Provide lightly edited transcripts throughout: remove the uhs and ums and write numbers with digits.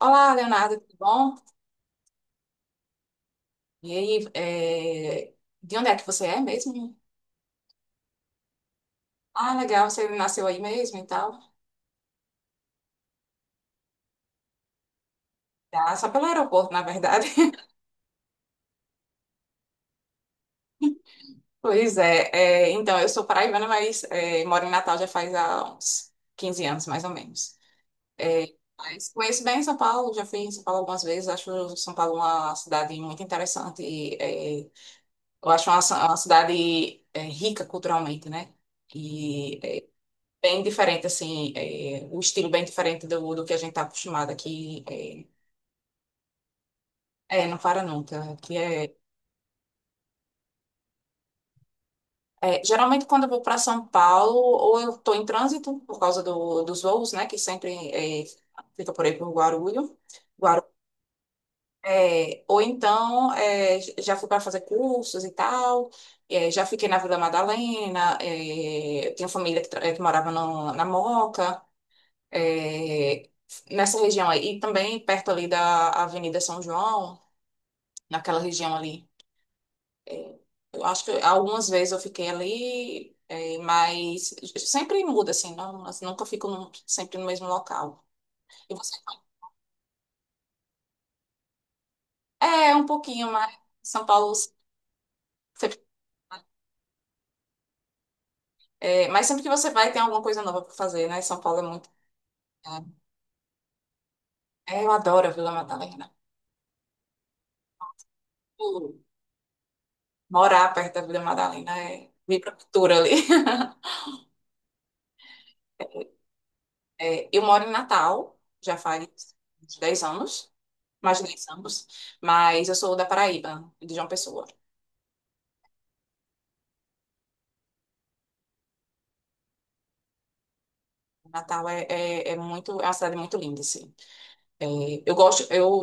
Olá, Leonardo, tudo bom? E aí, de onde é que você é mesmo? Ah, legal, você nasceu aí mesmo e tal. Ah, só pelo aeroporto, na verdade. Pois é, eu sou paraibana, mas moro em Natal já faz há uns 15 anos, mais ou menos. É, mas conheço bem São Paulo, já fui em São Paulo algumas vezes, acho São Paulo uma cidade muito interessante. E, é, eu acho uma, uma cidade rica culturalmente, né? E bem diferente, assim, o estilo bem diferente do que a gente está acostumado aqui. Não para nunca. Geralmente, quando eu vou para São Paulo, ou eu estou em trânsito, por causa dos voos, né, é, fica por aí por Guarulhos. Guaru, ou então, já fui para fazer cursos e tal. Já fiquei na Vila Madalena, eu tinha família que morava na Moca. é, Nessa região aí. E também perto ali da Avenida São João, naquela região ali. É, eu acho que algumas vezes eu fiquei ali, mas sempre muda, assim, não, assim, nunca fico sempre no mesmo local. E você? É, um pouquinho, mas São Paulo. sempre- mas sempre que você vai, tem alguma coisa nova para fazer, né? São Paulo é muito. Eu adoro a Vila Madalena. Uh, Morar perto da Vila Madalena é vir pra cultura ali. É, eu moro em Natal, já faz uns 10 anos, mais de 10 anos, mas eu sou da Paraíba, de João Pessoa. Natal é muito, é uma cidade muito linda, assim. É, eu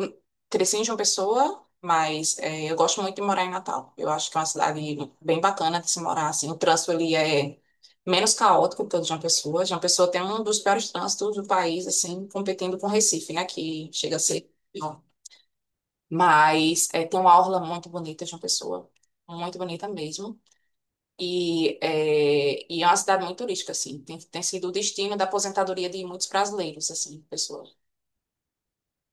cresci em João Pessoa, mas eu gosto muito de morar em Natal. Eu acho que é uma cidade bem bacana de se morar, assim. O trânsito ali é menos caótico que o de João Pessoa. João Pessoa tem um dos piores trânsitos do país, assim, competindo com Recife, né, que chega a ser. Mas tem uma orla muito bonita de uma pessoa, muito bonita mesmo. E é uma cidade muito turística, assim. Tem sido o destino da aposentadoria de muitos brasileiros, assim, pessoa.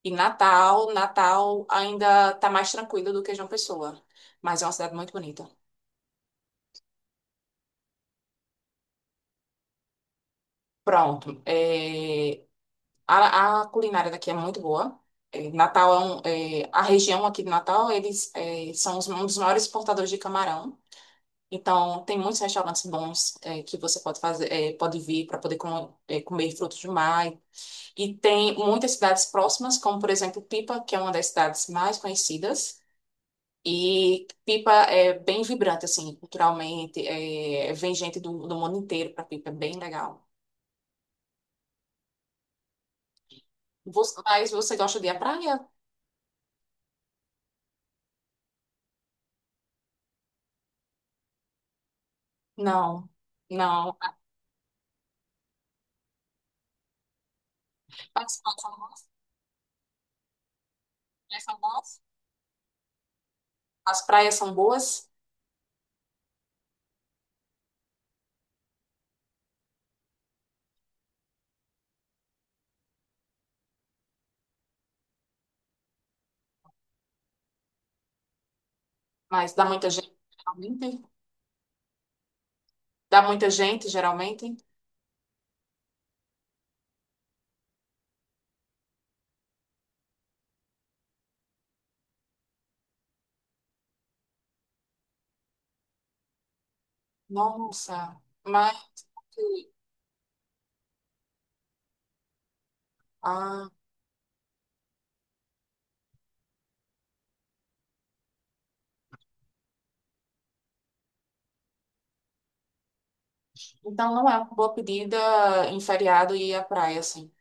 E Natal ainda está mais tranquilo do que João Pessoa, mas é uma cidade muito bonita. Pronto. A, a culinária daqui é muito boa. É, Natal é, um, é, A região aqui de Natal, são um dos maiores exportadores de camarão. Então, tem muitos restaurantes bons que você pode fazer, pode vir para poder comer frutos do mar. E tem muitas cidades próximas, como por exemplo Pipa, que é uma das cidades mais conhecidas. E Pipa é bem vibrante, assim, culturalmente. Vem gente do mundo inteiro para Pipa, é bem legal. Você, mas você gosta de ir à praia? Não, não. As praias são boas, praias são boas. As praias são boas, mas dá muita gente, geralmente. Dá muita gente, geralmente. Nossa, mas ah, então não é uma boa pedida em feriado ir à praia, assim.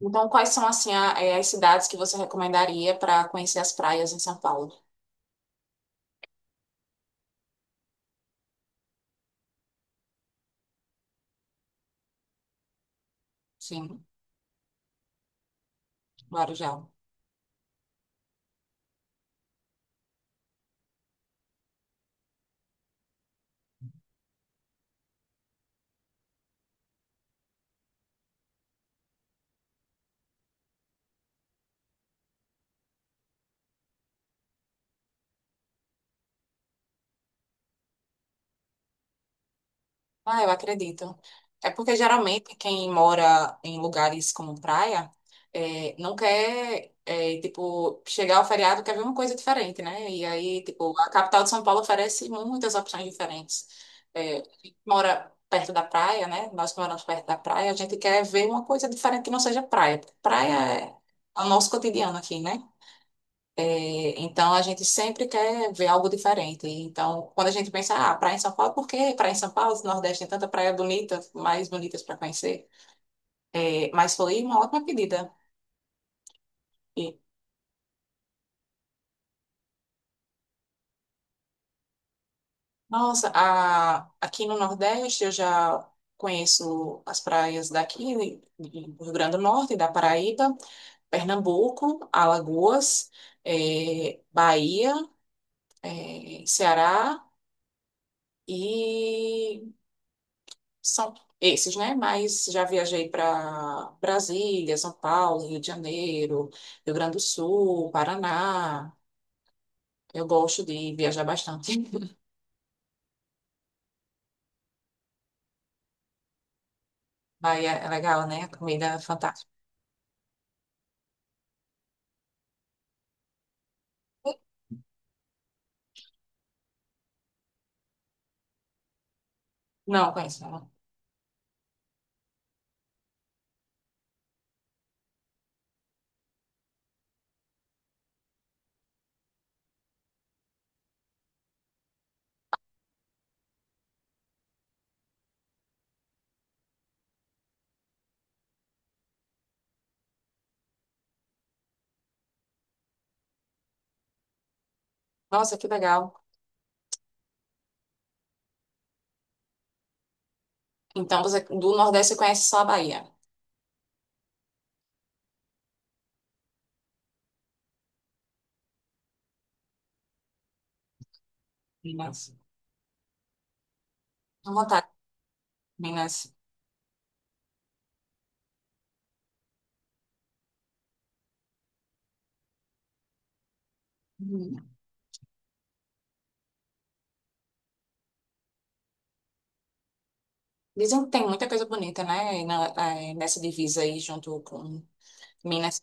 Então, quais são assim as cidades que você recomendaria para conhecer as praias em São Paulo? Sim, Guarujá. Ah, eu acredito. É porque geralmente quem mora em lugares como praia não quer, tipo, chegar ao feriado quer ver uma coisa diferente, né? E aí, tipo, a capital de São Paulo oferece muitas opções diferentes. É, quem mora perto da praia, né? Nós que moramos perto da praia, a gente quer ver uma coisa diferente que não seja praia. Praia é o nosso cotidiano aqui, né? Então, a gente sempre quer ver algo diferente. Então, quando a gente pensa, ah, praia em São Paulo, por que praia em São Paulo? No Nordeste tem tanta praia bonita, mais bonitas para conhecer. É, mas foi uma ótima pedida. E, Aqui no Nordeste eu já conheço as praias daqui, do Rio Grande do Norte, da Paraíba, Pernambuco, Alagoas, Bahia, Ceará. E são esses, né? Mas já viajei para Brasília, São Paulo, Rio de Janeiro, Rio Grande do Sul, Paraná. Eu gosto de viajar bastante. Bahia é legal, né? Comida é fantástica. Não, conheço. Não. Nossa, que legal. Então, você do Nordeste você conhece só a Bahia. Minas. À vontade, Minas. Uhum. Dizem que tem muita coisa bonita, né? Nessa divisa aí, junto com Minas.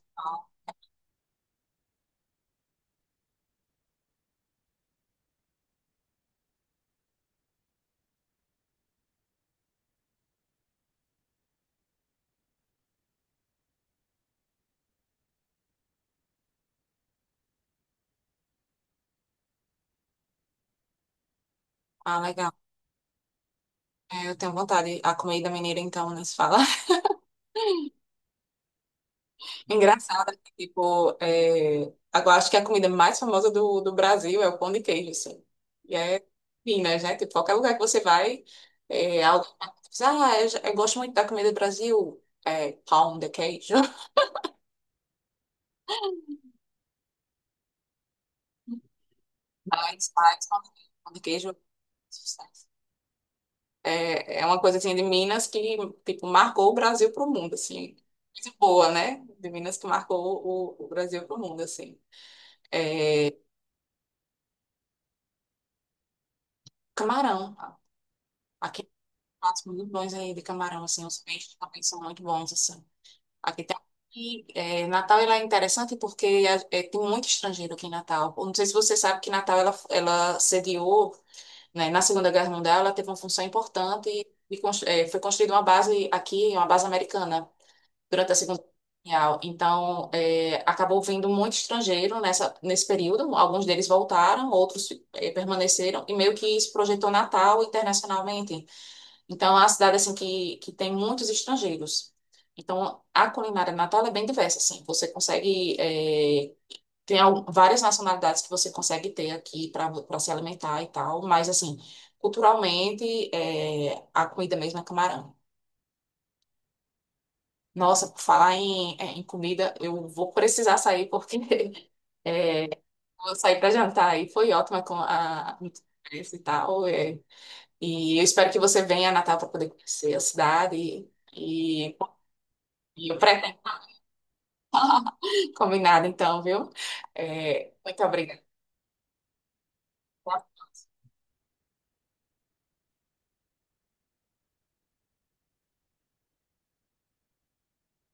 Ah, legal. É, eu tenho vontade. A comida mineira, então, não se fala. Engraçado, né? Tipo, agora acho que a comida mais famosa do Brasil é o pão de queijo, assim. E é Minas, né? Tipo, qualquer lugar que você vai, alguém diz, ah, eu gosto muito da comida do Brasil, é pão de queijo. Mas pão de queijo é sucesso. É uma coisa, assim, de Minas que, tipo, marcou o Brasil pro mundo, assim. Coisa boa, né? De Minas que marcou o Brasil pro mundo, assim. Camarão. Aqui pratos muito bons aí de camarão, assim, os peixes também são muito bons, assim. Aqui tem... Natal ela é interessante porque tem muito estrangeiro aqui em Natal. Eu não sei se você sabe que Natal ela sediou, né, na Segunda Guerra Mundial, ela teve uma função importante e foi construída uma base aqui, uma base americana, durante a Segunda Guerra Mundial. Então, acabou vindo muito estrangeiro nesse período. Alguns deles voltaram, outros permaneceram, e meio que isso projetou Natal internacionalmente. Então, é uma cidade assim que tem muitos estrangeiros. Então, a culinária de Natal é bem diversa, assim. Você consegue eh, tem al- Várias nacionalidades que você consegue ter aqui para se alimentar e tal, mas assim, culturalmente a comida mesmo é camarão. Nossa, por falar em, em comida, eu vou precisar sair porque eh, vou sair para jantar e foi ótima com a conversa e tal. Eh. E eu espero que você venha a Natal para poder conhecer a cidade. E e o pré- Combinado, então, viu? É, muito obrigada.